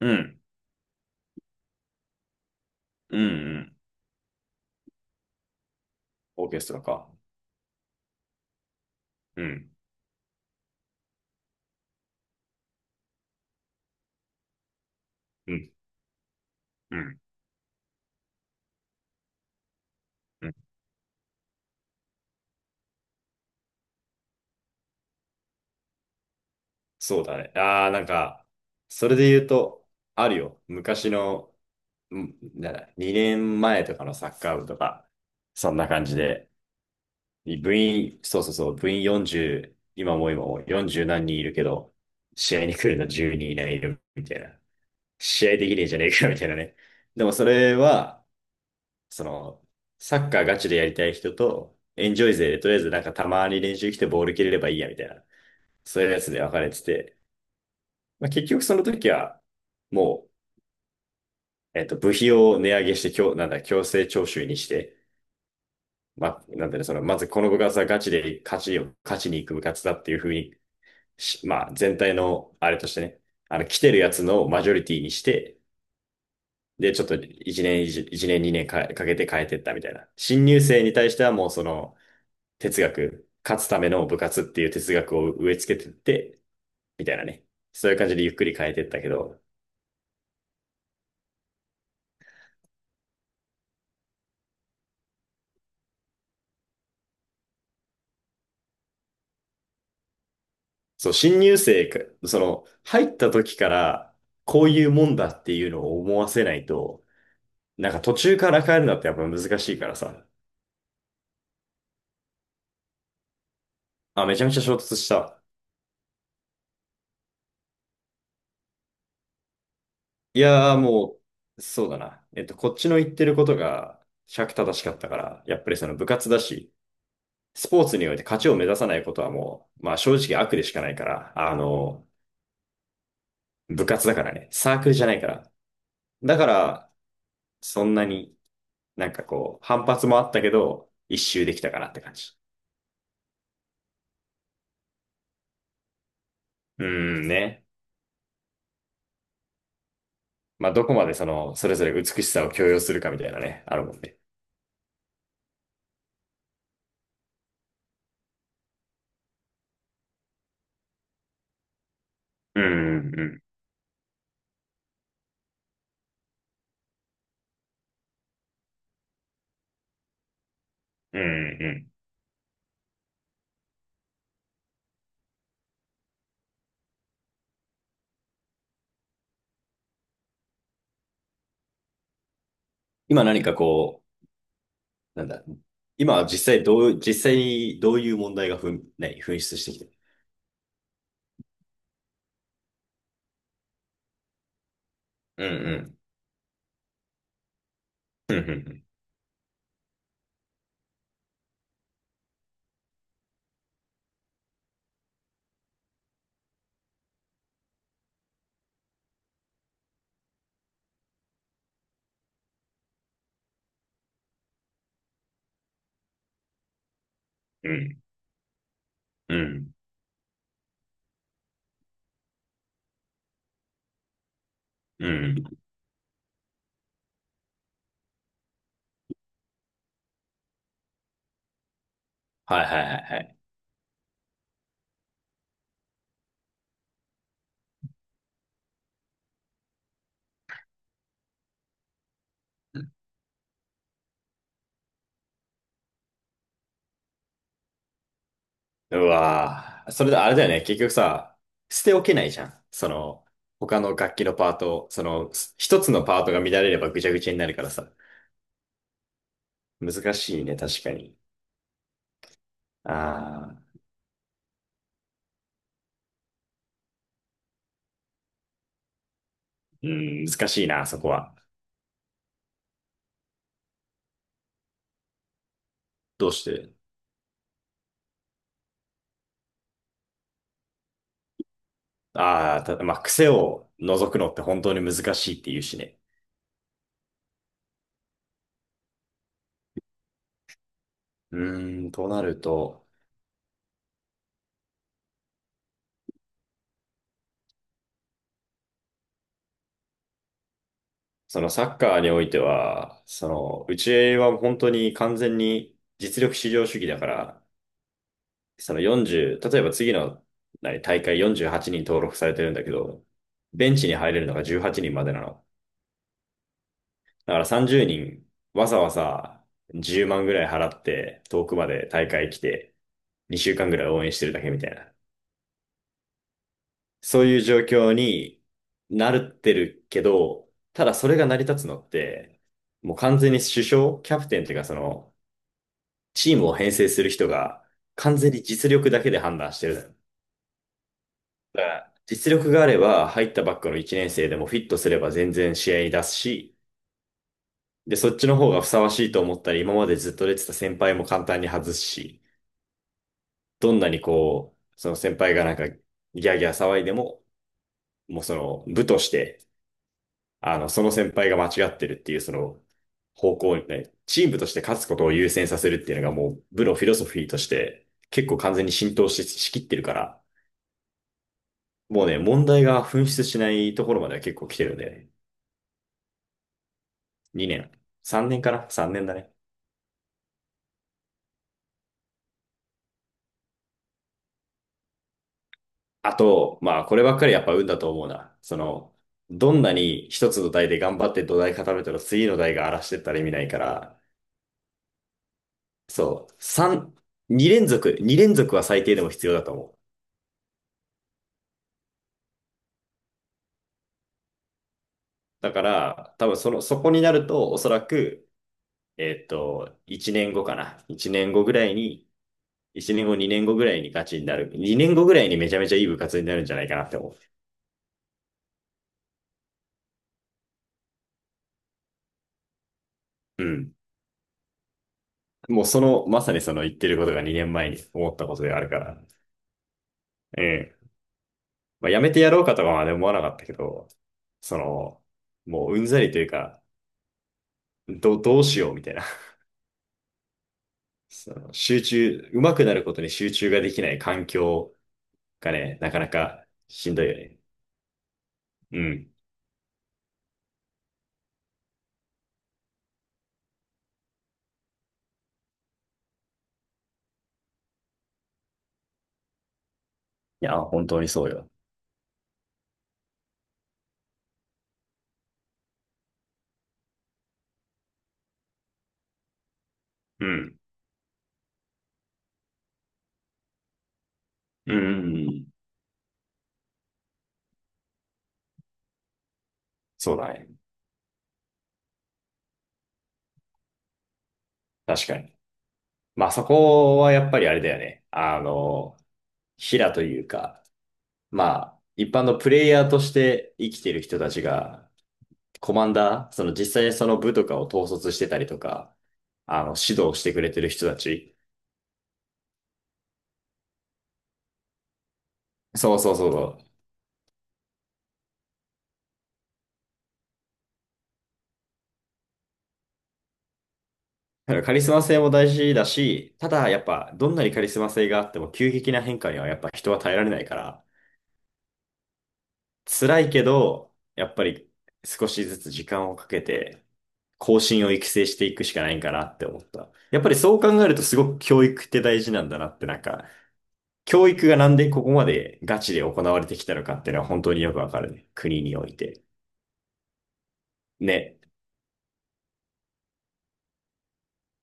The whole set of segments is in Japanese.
うん、うん、うん。オーケストラか。うん、うん、うん、うん。そうだね。ああ、なんか、それで言うと、あるよ。昔の、うんなんだ、2年前とかのサッカー部とか、そんな感じで、そうそうそう、部員40、今も40何人いるけど、試合に来るの10人いないいるみたいな。試合できねえじゃねえかみたいなね。でもそれは、その、サッカーガチでやりたい人と、エンジョイ勢でとりあえずなんかたまに練習来てボール蹴れればいいやみたいな、そういうやつで分かれてて、まあ、結局その時は、もう、部費を値上げして、強、なんだ、強制徴収にして、まあ、なんだね、その、まずこの部活はガチで勝ちに行く部活だっていうふうにし、まあ、全体の、あれとしてね、あの、来てるやつのマジョリティにして、で、ちょっと1年、2年か、かけて変えてったみたいな。新入生に対してはもうその、哲学、勝つための部活っていう哲学を植え付けてって、みたいなね。そういう感じでゆっくり変えてったけど、そう、新入生か、その、入った時から、こういうもんだっていうのを思わせないと、なんか途中から変えるのってやっぱ難しいからさ。あ、めちゃめちゃ衝突した。いやーもう、そうだな。こっちの言ってることが、尺正しかったから、やっぱりその部活だし、スポーツにおいて勝ちを目指さないことはもう、まあ正直悪でしかないから、あの、部活だからね。サークルじゃないから。だから、そんなになんかこう、反発もあったけど、一周できたかなって感じ。うーんね。まあ、どこまでその、それぞれ美しさを強要するかみたいなね、あるもんね。うん、うん、うん、うん。今何かこう、なんだ、今は実際にどういう問題がふん、何、噴出してきてる。うん、うん、うん、うん、うん、うん、うん。はいはいはいはい。うわぁ。それであれだよね。結局さ、捨ておけないじゃん。その、他の楽器のパートを、その、一つのパートが乱れればぐちゃぐちゃになるからさ。難しいね、確かに。ああ、うん、難しいな、そこは。どうして。ああー、ただ、まあ、癖を除くのって本当に難しいって言うしね。うーん、となると、そのサッカーにおいては、その、うちは本当に完全に実力至上主義だから、その40、例えば次の何大会48人登録されてるんだけど、ベンチに入れるのが18人までなの。だから30人、わざわざ10万ぐらい払って遠くまで大会来て、2週間ぐらい応援してるだけみたいな。そういう状況になってるけど、ただそれが成り立つのって、もう完全に主将、キャプテンっていうかその、チームを編成する人が完全に実力だけで判断してる。だから実力があれば、入ったばっかの1年生でもフィットすれば全然試合に出すし、で、そっちの方がふさわしいと思ったら今までずっと出てた先輩も簡単に外すし、どんなにこう、その先輩がなんかギャーギャー騒いでも、もうその部として、あの、その先輩が間違ってるっていうその方向にね、チームとして勝つことを優先させるっていうのがもう部のフィロソフィーとして結構完全に浸透し、しきってるから、もうね、問題が噴出しないところまでは結構来てるんだよね。2年。3年かな ?3 年だね。あと、まあ、こればっかりやっぱ運だと思うな。その、どんなに一つの台で頑張って土台固めたら次の台が荒らしてったら意味ないから、そう、3、2連続は最低でも必要だと思う。だから、多分その、そこになると、おそらく、1年後かな。1年後ぐらいに、1年後、2年後ぐらいにガチになる。2年後ぐらいにめちゃめちゃいい部活になるんじゃないかなって思う。うん。もうその、まさにその言ってることが2年前に思ったことであるから。うん。まあ、やめてやろうかとかはね、思わなかったけど、その、もううんざりというか、どうしようみたいな。その上手くなることに集中ができない環境がね、なかなかしんどいよね。うん。いや、本当にそうよ。うん。うん。うんそうだね。確かに。まあそこはやっぱりあれだよね。あの、平というか、まあ一般のプレイヤーとして生きてる人たちがコマンダー、その実際その部とかを統率してたりとか、あの、指導してくれてる人たち。そうそうそうそう。だからカリスマ性も大事だし、ただやっぱどんなにカリスマ性があっても急激な変化にはやっぱ人は耐えられないから、辛いけど、やっぱり少しずつ時間をかけて、後進を育成していくしかないんかなって思った。やっぱりそう考えるとすごく教育って大事なんだなってなんか、教育がなんでここまでガチで行われてきたのかっていうのは本当によくわかるね。国において。ね。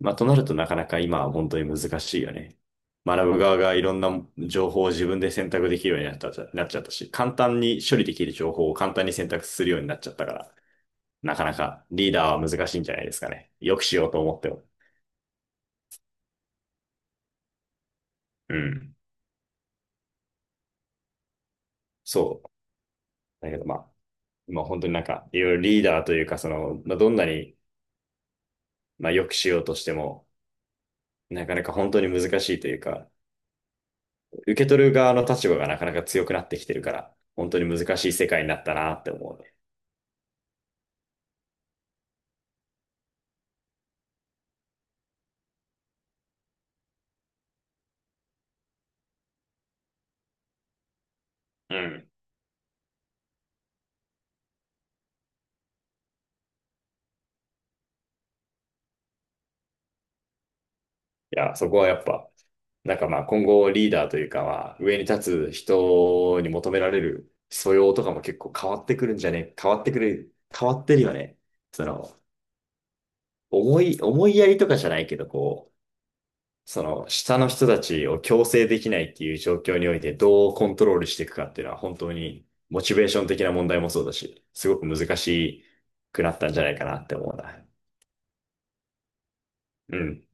まあ、となるとなかなか今は本当に難しいよね。学ぶ側がいろんな情報を自分で選択できるようになった、なっちゃったし、簡単に処理できる情報を簡単に選択するようになっちゃったから、なかなかリーダーは難しいんじゃないですかね。よくしようと思っても。うん。そう。だけどまあ、今本当になんか、いろいろリーダーというか、その、まあ、どんなに、まあ、よくしようとしても、なかなか本当に難しいというか、受け取る側の立場がなかなか強くなってきてるから、本当に難しい世界になったなって思うね。うん。いや、そこはやっぱ、なんかまあ今後リーダーというかまあ上に立つ人に求められる素養とかも結構変わってくるんじゃね、変わってくる、変わってるよね。その、思いやりとかじゃないけど、こう、その下の人たちを強制できないっていう状況においてどうコントロールしていくかっていうのは本当にモチベーション的な問題もそうだし、すごく難しくなったんじゃないかなって思うな。うん。